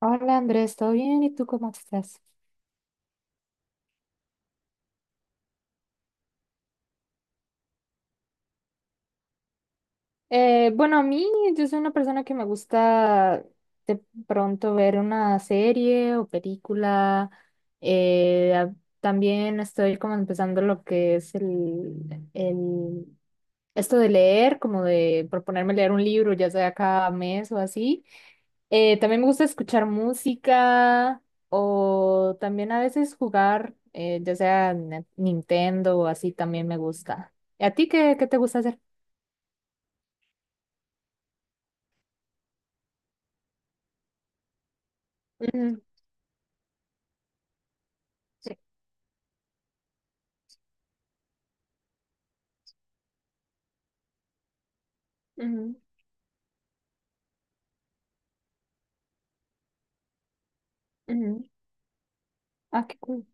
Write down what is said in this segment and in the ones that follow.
Hola Andrés, ¿todo bien? ¿Y tú cómo estás? Bueno, a mí yo soy una persona que me gusta de pronto ver una serie o película. eh, a- También estoy como empezando lo que es el esto de leer, como de proponerme leer un libro, ya sea cada mes o así. También me gusta escuchar música o también a veces jugar, ya sea en Nintendo o así también me gusta. ¿Y a ti qué te gusta hacer? Ujú. Sí. Ujú, ujú. Ah, qué cool.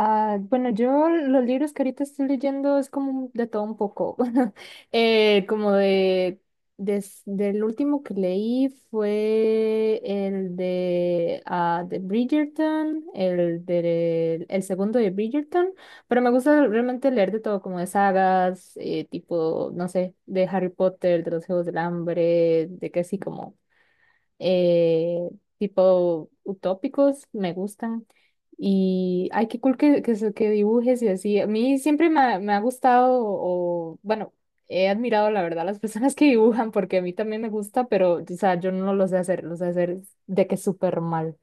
Ah, bueno, yo los libros que ahorita estoy leyendo es de todo un poco. Eh, como de, Del último que leí fue el de, ah, de Bridgerton, el de el segundo de Bridgerton, pero me gusta realmente leer de todo, como de sagas, tipo, no sé, de Harry Potter, de los Juegos del Hambre, de que así como eh, tipo utópicos, me gustan. Y ay, qué cool que dibujes y así. A mí siempre me ha gustado, o bueno, he admirado la verdad las personas que dibujan, porque a mí también me gusta, pero o sea, yo no lo sé hacer, lo sé hacer de que súper mal.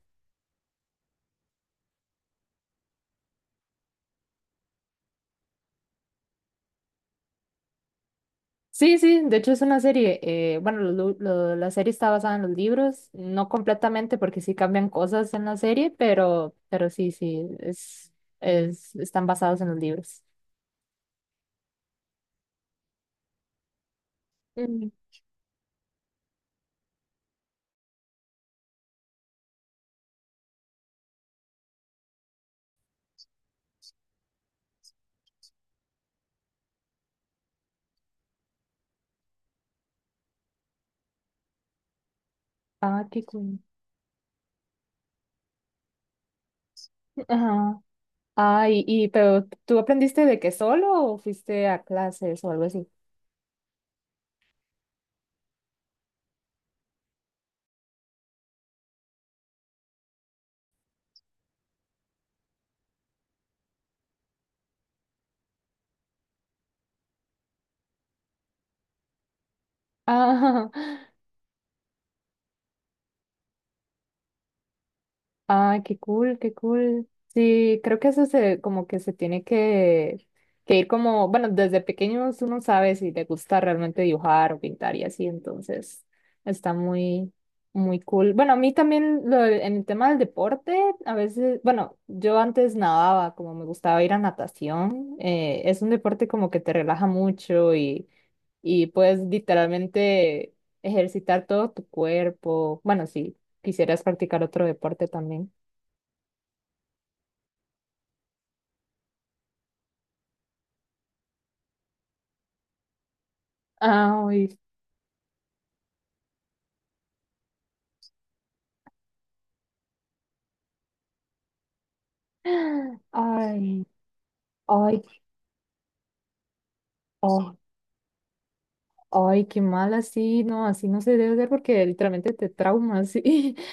Sí, sí, de hecho es una serie. Bueno, la serie está basada en los libros, no completamente porque sí cambian cosas en la serie, pero sí, sí, es, están basados en los libros. Ah, qué cool. Ajá. Ah, pero ¿tú aprendiste de que solo o fuiste a clases o algo así? Ah. Ah, qué cool, qué cool. Sí, creo que eso se como que que ir como, bueno, desde pequeños uno sabe si le gusta realmente dibujar o pintar y así, entonces está muy cool. Bueno, a mí también en el tema del deporte, a veces, bueno, yo antes nadaba, como me gustaba ir a natación, es un deporte como que te relaja mucho y puedes literalmente ejercitar todo tu cuerpo. Bueno, sí. ¿Quisieras practicar otro deporte también? Ay, ay, ay, ay, ay, qué mal así no se debe hacer porque literalmente te traumas. Sí.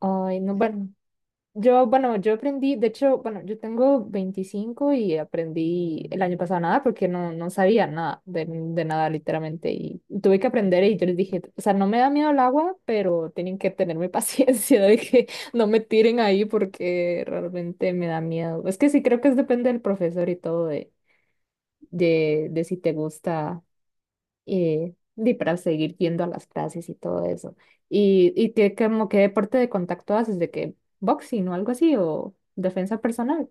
Ay, no, bueno. Yo, bueno, yo aprendí, de hecho, bueno, yo tengo 25 y aprendí el año pasado nada porque no, no sabía nada de nada literalmente y tuve que aprender y yo les dije, o sea, no me da miedo el agua, pero tienen que tenerme paciencia de que no me tiren ahí porque realmente me da miedo. Es que sí, creo que es depende del profesor y todo de si te gusta y para seguir yendo a las clases y todo eso. Y qué, como, qué deporte de contacto haces? ¿De qué? ¿Boxing o algo así? ¿O defensa personal?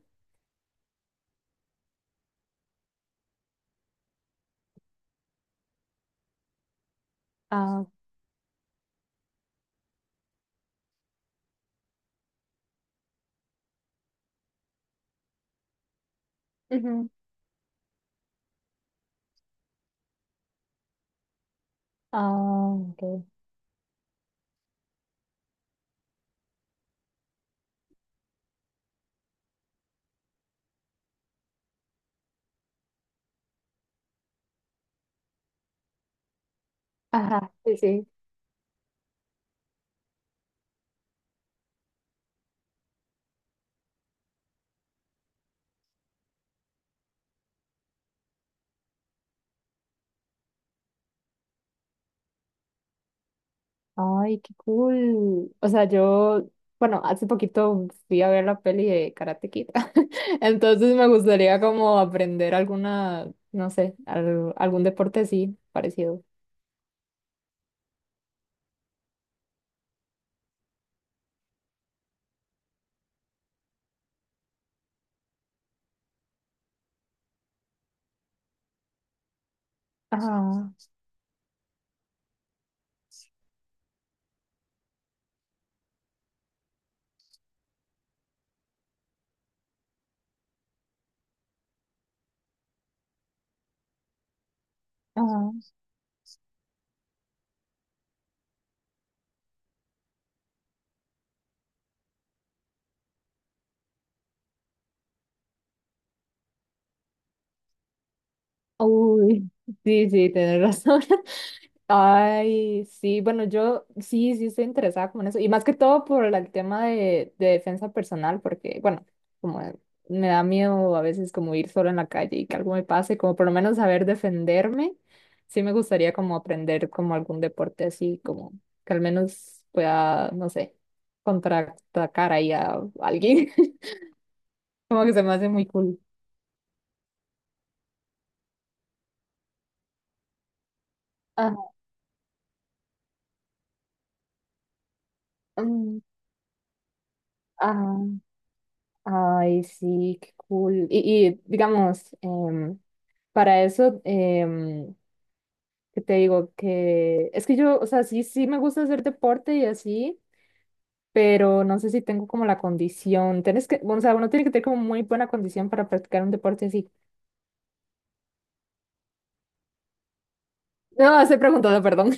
Ah, ujú. Ah, ok. Ajá, sí, sí. Ay, qué cool. O sea, yo, bueno, hace poquito fui a ver la peli de Karate Kid, entonces me gustaría como aprender alguna, no sé, algún deporte así parecido. Ajá, ajá. Uy. Sí, sí, tienes razón. Ay, sí, bueno, yo sí, sí estoy interesada como en eso. Y más que todo por el tema de defensa personal, porque, bueno, como me da miedo a veces como ir solo en la calle y que algo me pase, como por lo menos saber defenderme. Sí me gustaría como aprender como algún deporte así, como que al menos pueda, no sé, contraatacar ahí a alguien. Como que se me hace muy cool. Ajá, mm, ajá. Ay, sí, qué cool. Y digamos, para eso, ¿qué te digo? Que es que yo, o sea, sí, sí me gusta hacer deporte y así, pero no sé si tengo como la condición. Tienes que, o sea, uno tiene que tener como muy buena condición para practicar un deporte así. No, estoy preguntando, perdón.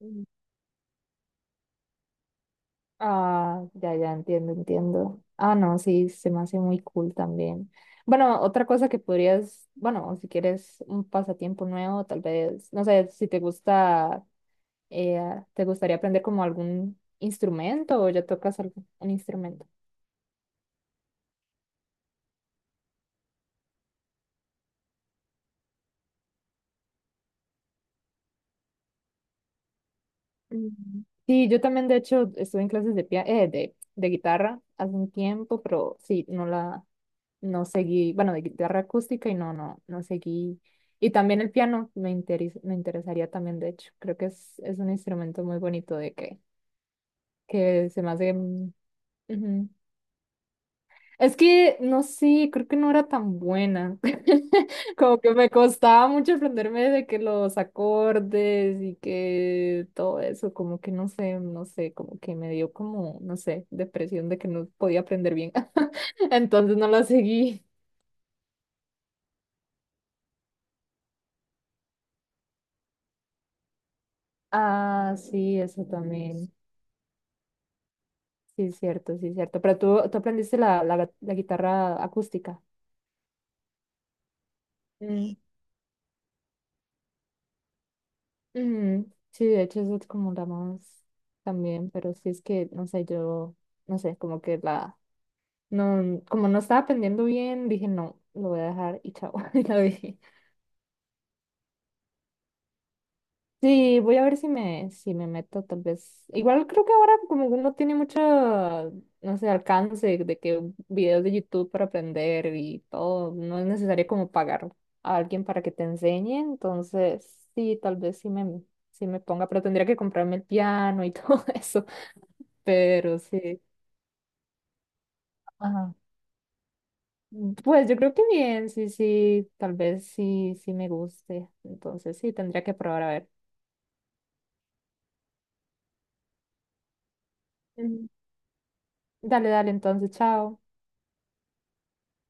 Mm. Ah, ya, ya, entiendo, entiendo. Ah, no, sí, se me hace muy cool también. Bueno, otra cosa que podrías, bueno, si quieres un pasatiempo nuevo, tal vez, no sé, si te gusta Eh, ¿te gustaría aprender como algún instrumento o ya tocas algún un instrumento? Mm. Sí, yo también de hecho estuve en clases de guitarra hace un tiempo, pero sí, no seguí, bueno, de guitarra acústica y no, no, no seguí. Y también el piano me interesaría también, de hecho, creo que es un instrumento muy bonito de que se me hace, mm, ujú. Es que, no sé, creo que no era tan buena. Como que me costaba mucho aprenderme de que los acordes y que todo eso, como que no sé, no sé, como que me dio como, no sé, depresión de que no podía aprender bien. Entonces no la seguí. Ah, sí, eso también. Sí, es cierto, sí, es cierto. Pero tú aprendiste la guitarra acústica. Mm. Ujú. Sí, de hecho eso es como la más también, pero sí es que, no sé, yo, no sé, no, como no estaba aprendiendo bien, dije no, lo voy a dejar y chao, y la dejé. Sí, voy a ver si me meto tal vez. Igual creo que ahora como que no tiene mucho, no sé, alcance de que videos de YouTube para aprender y todo, no es necesario como pagar a alguien para que te enseñe, entonces sí, tal vez sí me ponga, pero tendría que comprarme el piano y todo eso, pero sí. Ajá. Pues yo creo que bien, sí, sí, tal vez sí, sí me guste, entonces sí, tendría que probar a ver. Ujú. Dale, dale, entonces, chao.